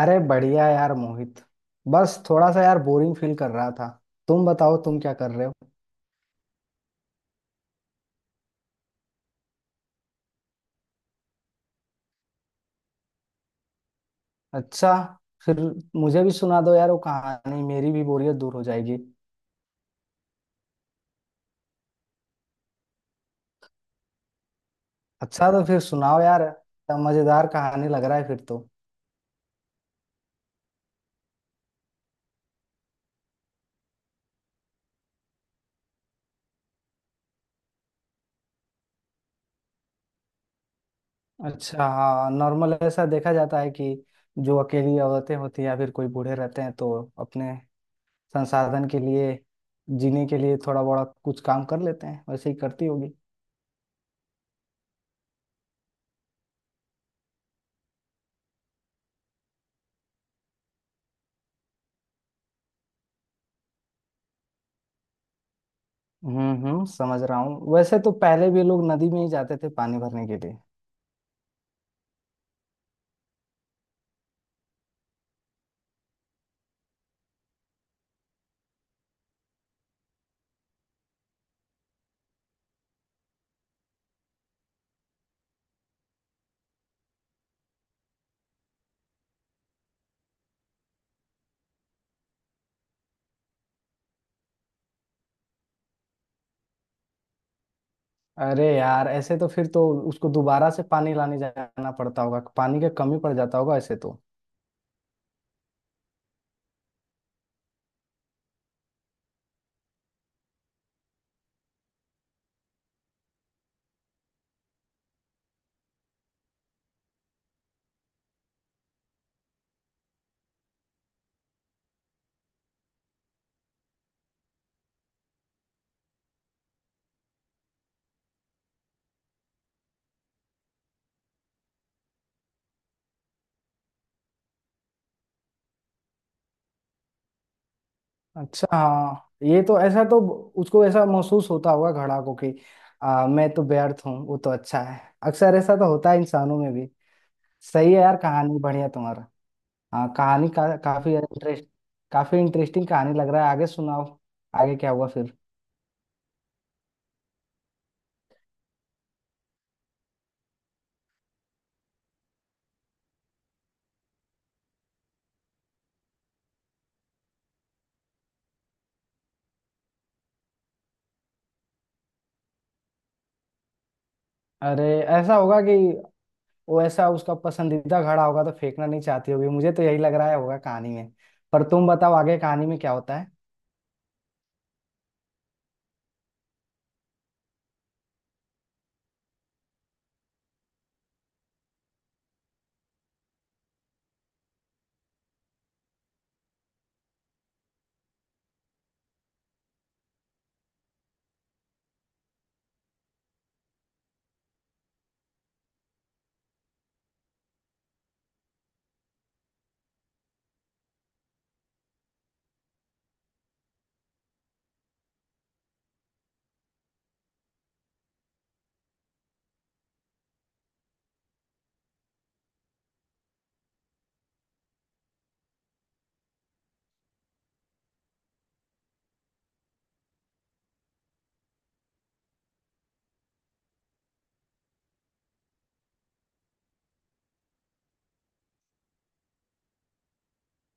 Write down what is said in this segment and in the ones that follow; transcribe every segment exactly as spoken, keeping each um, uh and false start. अरे बढ़िया यार मोहित। बस थोड़ा सा यार बोरिंग फील कर रहा था। तुम बताओ तुम क्या कर रहे हो। अच्छा। फिर मुझे भी सुना दो यार, वो कहानी मेरी भी बोरियत दूर हो जाएगी। अच्छा तो फिर सुनाओ यार, क्या मजेदार कहानी लग रहा है फिर तो। अच्छा हाँ, नॉर्मल ऐसा देखा जाता है कि जो अकेली औरतें होती हैं या फिर कोई बूढ़े रहते हैं तो अपने संसाधन के लिए, जीने के लिए थोड़ा बड़ा कुछ काम कर लेते हैं, वैसे ही करती होगी। हम्म हम्म, समझ रहा हूँ। वैसे तो पहले भी लोग नदी में ही जाते थे पानी भरने के लिए। अरे यार, ऐसे तो फिर तो उसको दोबारा से पानी लाने जाना पड़ता होगा, पानी का कमी पड़ जाता होगा ऐसे तो। अच्छा हाँ, ये तो ऐसा तो उसको ऐसा महसूस होता होगा घड़ा को कि आ, मैं तो व्यर्थ हूँ, वो तो अच्छा है। अक्सर ऐसा तो होता है इंसानों में भी। सही है यार, कहानी बढ़िया तुम्हारा। हाँ कहानी का काफी इंटरेस्ट, काफी इंटरेस्टिंग कहानी लग रहा है, आगे सुनाओ। आगे क्या हुआ फिर। अरे, ऐसा होगा कि वैसा उसका पसंदीदा घड़ा होगा तो फेंकना नहीं चाहती होगी, मुझे तो यही लग रहा है होगा कहानी में। पर तुम बताओ आगे कहानी में क्या होता है।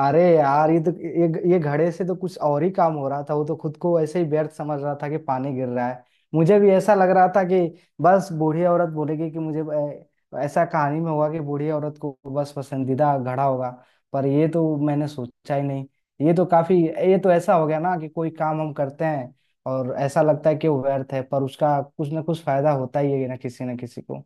अरे यार, ये तो ये ये घड़े से तो कुछ और ही काम हो रहा था, वो तो खुद को ऐसे ही व्यर्थ समझ रहा था कि पानी गिर रहा है। मुझे भी ऐसा लग रहा था कि बस बूढ़ी औरत बोलेगी कि मुझे ऐ- ऐसा कहानी में होगा कि बूढ़ी औरत को बस पसंदीदा घड़ा होगा। पर ये तो मैंने सोचा ही नहीं। ये तो काफी, ये तो ऐसा हो गया ना कि कोई काम हम करते हैं और ऐसा लगता है कि वो व्यर्थ है, पर उसका कुछ ना कुछ फायदा होता ही है ना किसी ना किसी को।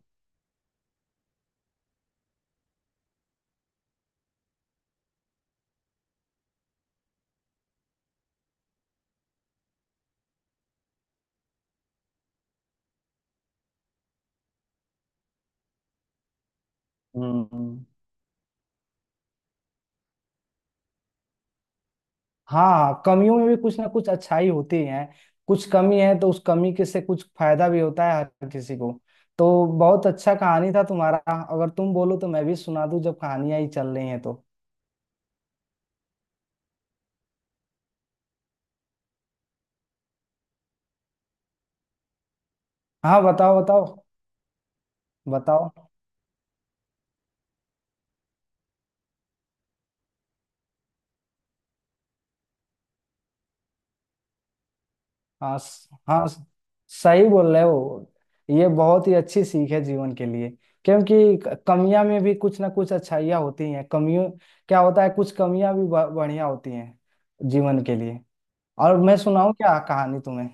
हम्म। हाँ हाँ, कमियों में भी कुछ ना कुछ अच्छाई होती है। कुछ कमी है तो उस कमी के से कुछ फायदा भी होता है हर किसी को। तो बहुत अच्छा कहानी था तुम्हारा। अगर तुम बोलो तो मैं भी सुना दूं, जब कहानियां ही चल रही हैं तो। हाँ बताओ बताओ। बताओ। हाँ स- हाँ स- सही बोल रहे हो। ये बहुत ही अच्छी सीख है जीवन के लिए, क्योंकि क- कमियां में भी कुछ ना कुछ अच्छाइयाँ होती हैं। कमियों, क्या होता है कुछ कमियां भी ब- बढ़िया होती हैं जीवन के लिए। और मैं सुनाऊं क्या कहानी तुम्हें।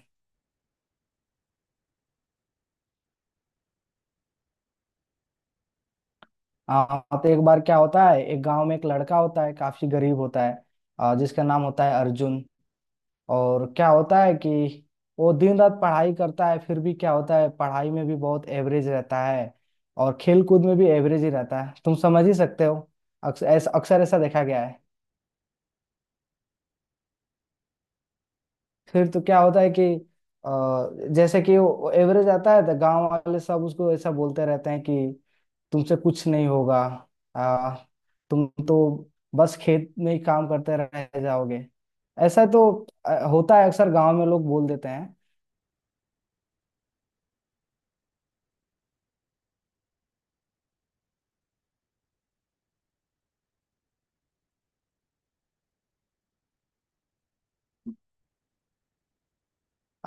हाँ तो एक बार क्या होता है, एक गांव में एक लड़का होता है, काफी गरीब होता है, अ, जिसका नाम होता है अर्जुन। और क्या होता है कि वो दिन रात पढ़ाई करता है, फिर भी क्या होता है पढ़ाई में भी बहुत एवरेज रहता है, और खेल कूद में भी एवरेज ही रहता है। तुम समझ ही सकते हो, अक्सर ऐसा अक्सर ऐसा देखा गया है। फिर तो क्या होता है कि अ, जैसे कि वो एवरेज आता है तो गांव वाले सब उसको ऐसा बोलते रहते हैं कि तुमसे कुछ नहीं होगा, आ, तुम तो बस खेत में ही काम करते रह जाओगे। ऐसा तो अ, होता है, अक्सर गांव में लोग बोल देते हैं।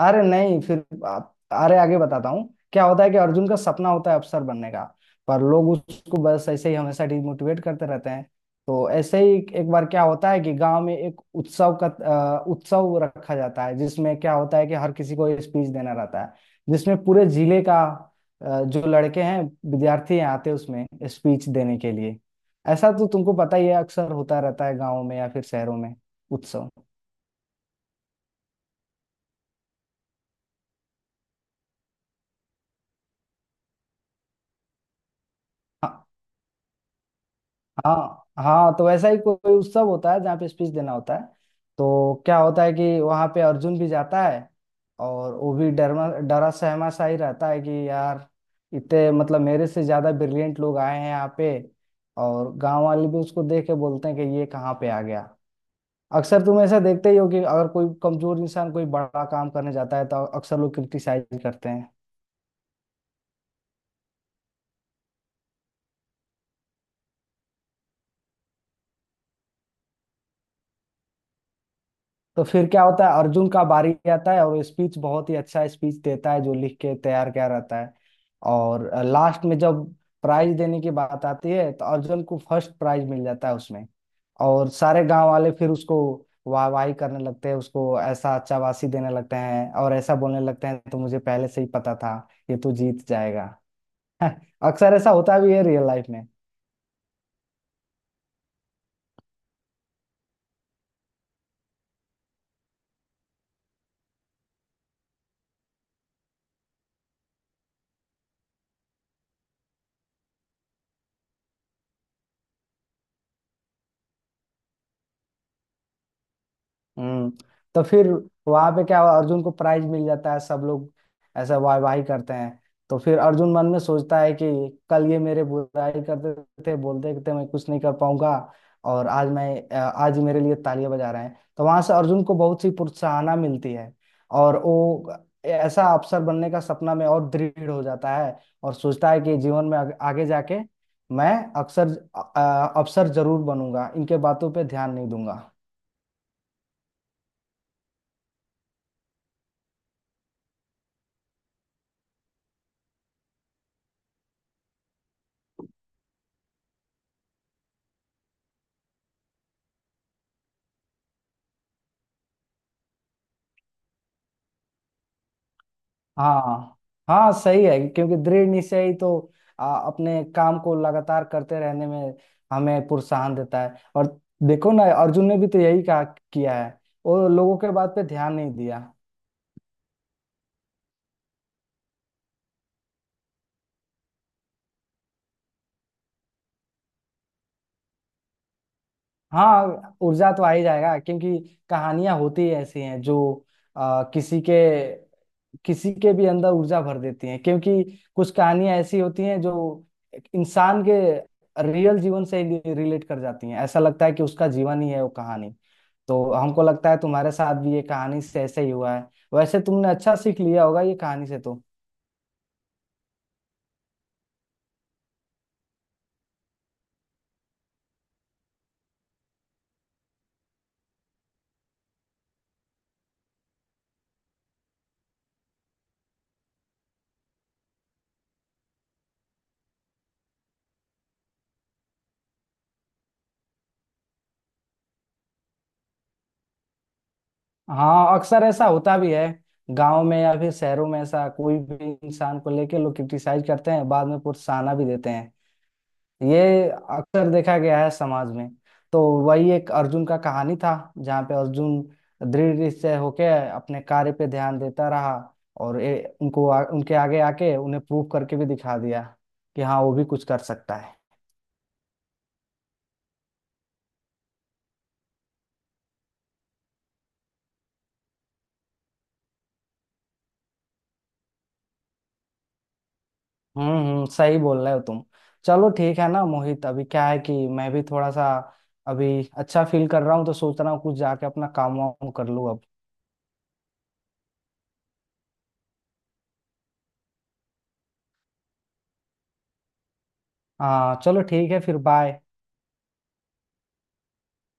अरे नहीं, फिर आप, अरे आगे बताता हूँ क्या होता है कि अर्जुन का सपना होता है अफसर बनने का, पर लोग उसको बस ऐसे ही हमेशा डिमोटिवेट करते रहते हैं। तो ऐसे ही एक बार क्या होता है कि गांव में एक उत्सव का अ, उत्सव रखा जाता है, जिसमें क्या होता है कि हर किसी को स्पीच देना रहता है। जिसमें पूरे जिले का अ, जो लड़के हैं, विद्यार्थी हैं, आते हैं उसमें स्पीच देने के लिए। ऐसा तो तुमको पता ही है, अक्सर होता रहता है गाँव में या फिर शहरों में उत्सव। हाँ। हाँ। हाँ तो वैसा ही कोई उत्सव होता है जहाँ पे स्पीच देना होता है। तो क्या होता है कि वहाँ पे अर्जुन भी जाता है, और वो भी डरमा डरा सहमा सा ही रहता है कि यार, इतने मतलब मेरे से ज्यादा ब्रिलियंट लोग आए हैं यहाँ पे। और गांव वाले भी उसको देख के बोलते हैं कि ये कहाँ पे आ गया। अक्सर तुम ऐसा देखते ही हो कि अगर कोई कमजोर इंसान कोई बड़ा काम करने जाता है तो अक्सर लोग क्रिटिसाइज करते हैं। तो फिर क्या होता है, अर्जुन का बारी आता है और वो स्पीच बहुत ही अच्छा स्पीच देता है जो लिख के तैयार किया रहता है। और लास्ट में जब प्राइज देने की बात आती है तो अर्जुन को फर्स्ट प्राइज मिल जाता है उसमें। और सारे गांव वाले फिर उसको वाहवाही करने लगते हैं, उसको ऐसा चाबासी देने लगते हैं और ऐसा बोलने लगते हैं तो मुझे पहले से ही पता था ये तो जीत जाएगा। अक्सर ऐसा होता भी है रियल लाइफ में। हम्म। तो फिर वहां पे क्या हुआ, अर्जुन को प्राइज मिल जाता है, सब लोग ऐसा वाह वाही करते हैं। तो फिर अर्जुन मन में सोचता है कि कल ये मेरे बुराई करते थे, बोलते थे मैं कुछ नहीं कर पाऊंगा, और आज मैं अ, आज ये मेरे लिए तालियां बजा रहे हैं, तो वहां से अर्जुन को बहुत सी प्रोत्साहना मिलती है। और वो ऐसा अफसर बनने का सपना में और दृढ़ हो जाता है, और सोचता है कि जीवन में आगे आगे जाके मैं अक्सर अ, अफसर जरूर बनूंगा, इनके बातों पे ध्यान नहीं दूंगा। हाँ। हाँ सही है, क्योंकि दृढ़ निश्चय ही तो आ, अपने काम को लगातार करते रहने में हमें प्रोत्साहन देता है। और देखो ना, अर्जुन ने भी तो यही कहा, किया है, वो लोगों के बात पे ध्यान नहीं दिया। हाँ ऊर्जा तो आ ही जाएगा, क्योंकि कहानियां होती ही ऐसी हैं जो आ, किसी के किसी के भी अंदर ऊर्जा भर देती हैं। क्योंकि कुछ कहानियां ऐसी होती हैं जो एक इंसान के रियल जीवन से रिलेट कर जाती हैं, ऐसा लगता है कि उसका जीवन ही है वो कहानी। तो हमको लगता है तुम्हारे साथ भी ये कहानी से ऐसे ही हुआ है। वैसे तुमने अच्छा सीख लिया होगा ये कहानी से तो। हाँ अक्सर ऐसा होता भी है, गांव में या फिर शहरों में ऐसा, कोई भी इंसान को लेके लोग क्रिटिसाइज करते हैं, बाद में प्रोत्साहन भी देते हैं। ये अक्सर देखा गया है समाज में। तो वही एक अर्जुन का कहानी था जहाँ पे अर्जुन दृढ़ से होके अपने कार्य पे ध्यान देता रहा, और ए, उनको आ, उनके आगे आके उन्हें प्रूव करके भी दिखा दिया कि हाँ वो भी कुछ कर सकता है। हम्म हम्म, सही बोल रहे हो तुम। चलो ठीक है ना मोहित, अभी क्या है कि मैं भी थोड़ा सा अभी अच्छा फील कर रहा हूँ, तो सोच रहा हूँ कुछ जाके अपना काम वाम कर लूँ अब। हाँ चलो ठीक है, फिर बाय।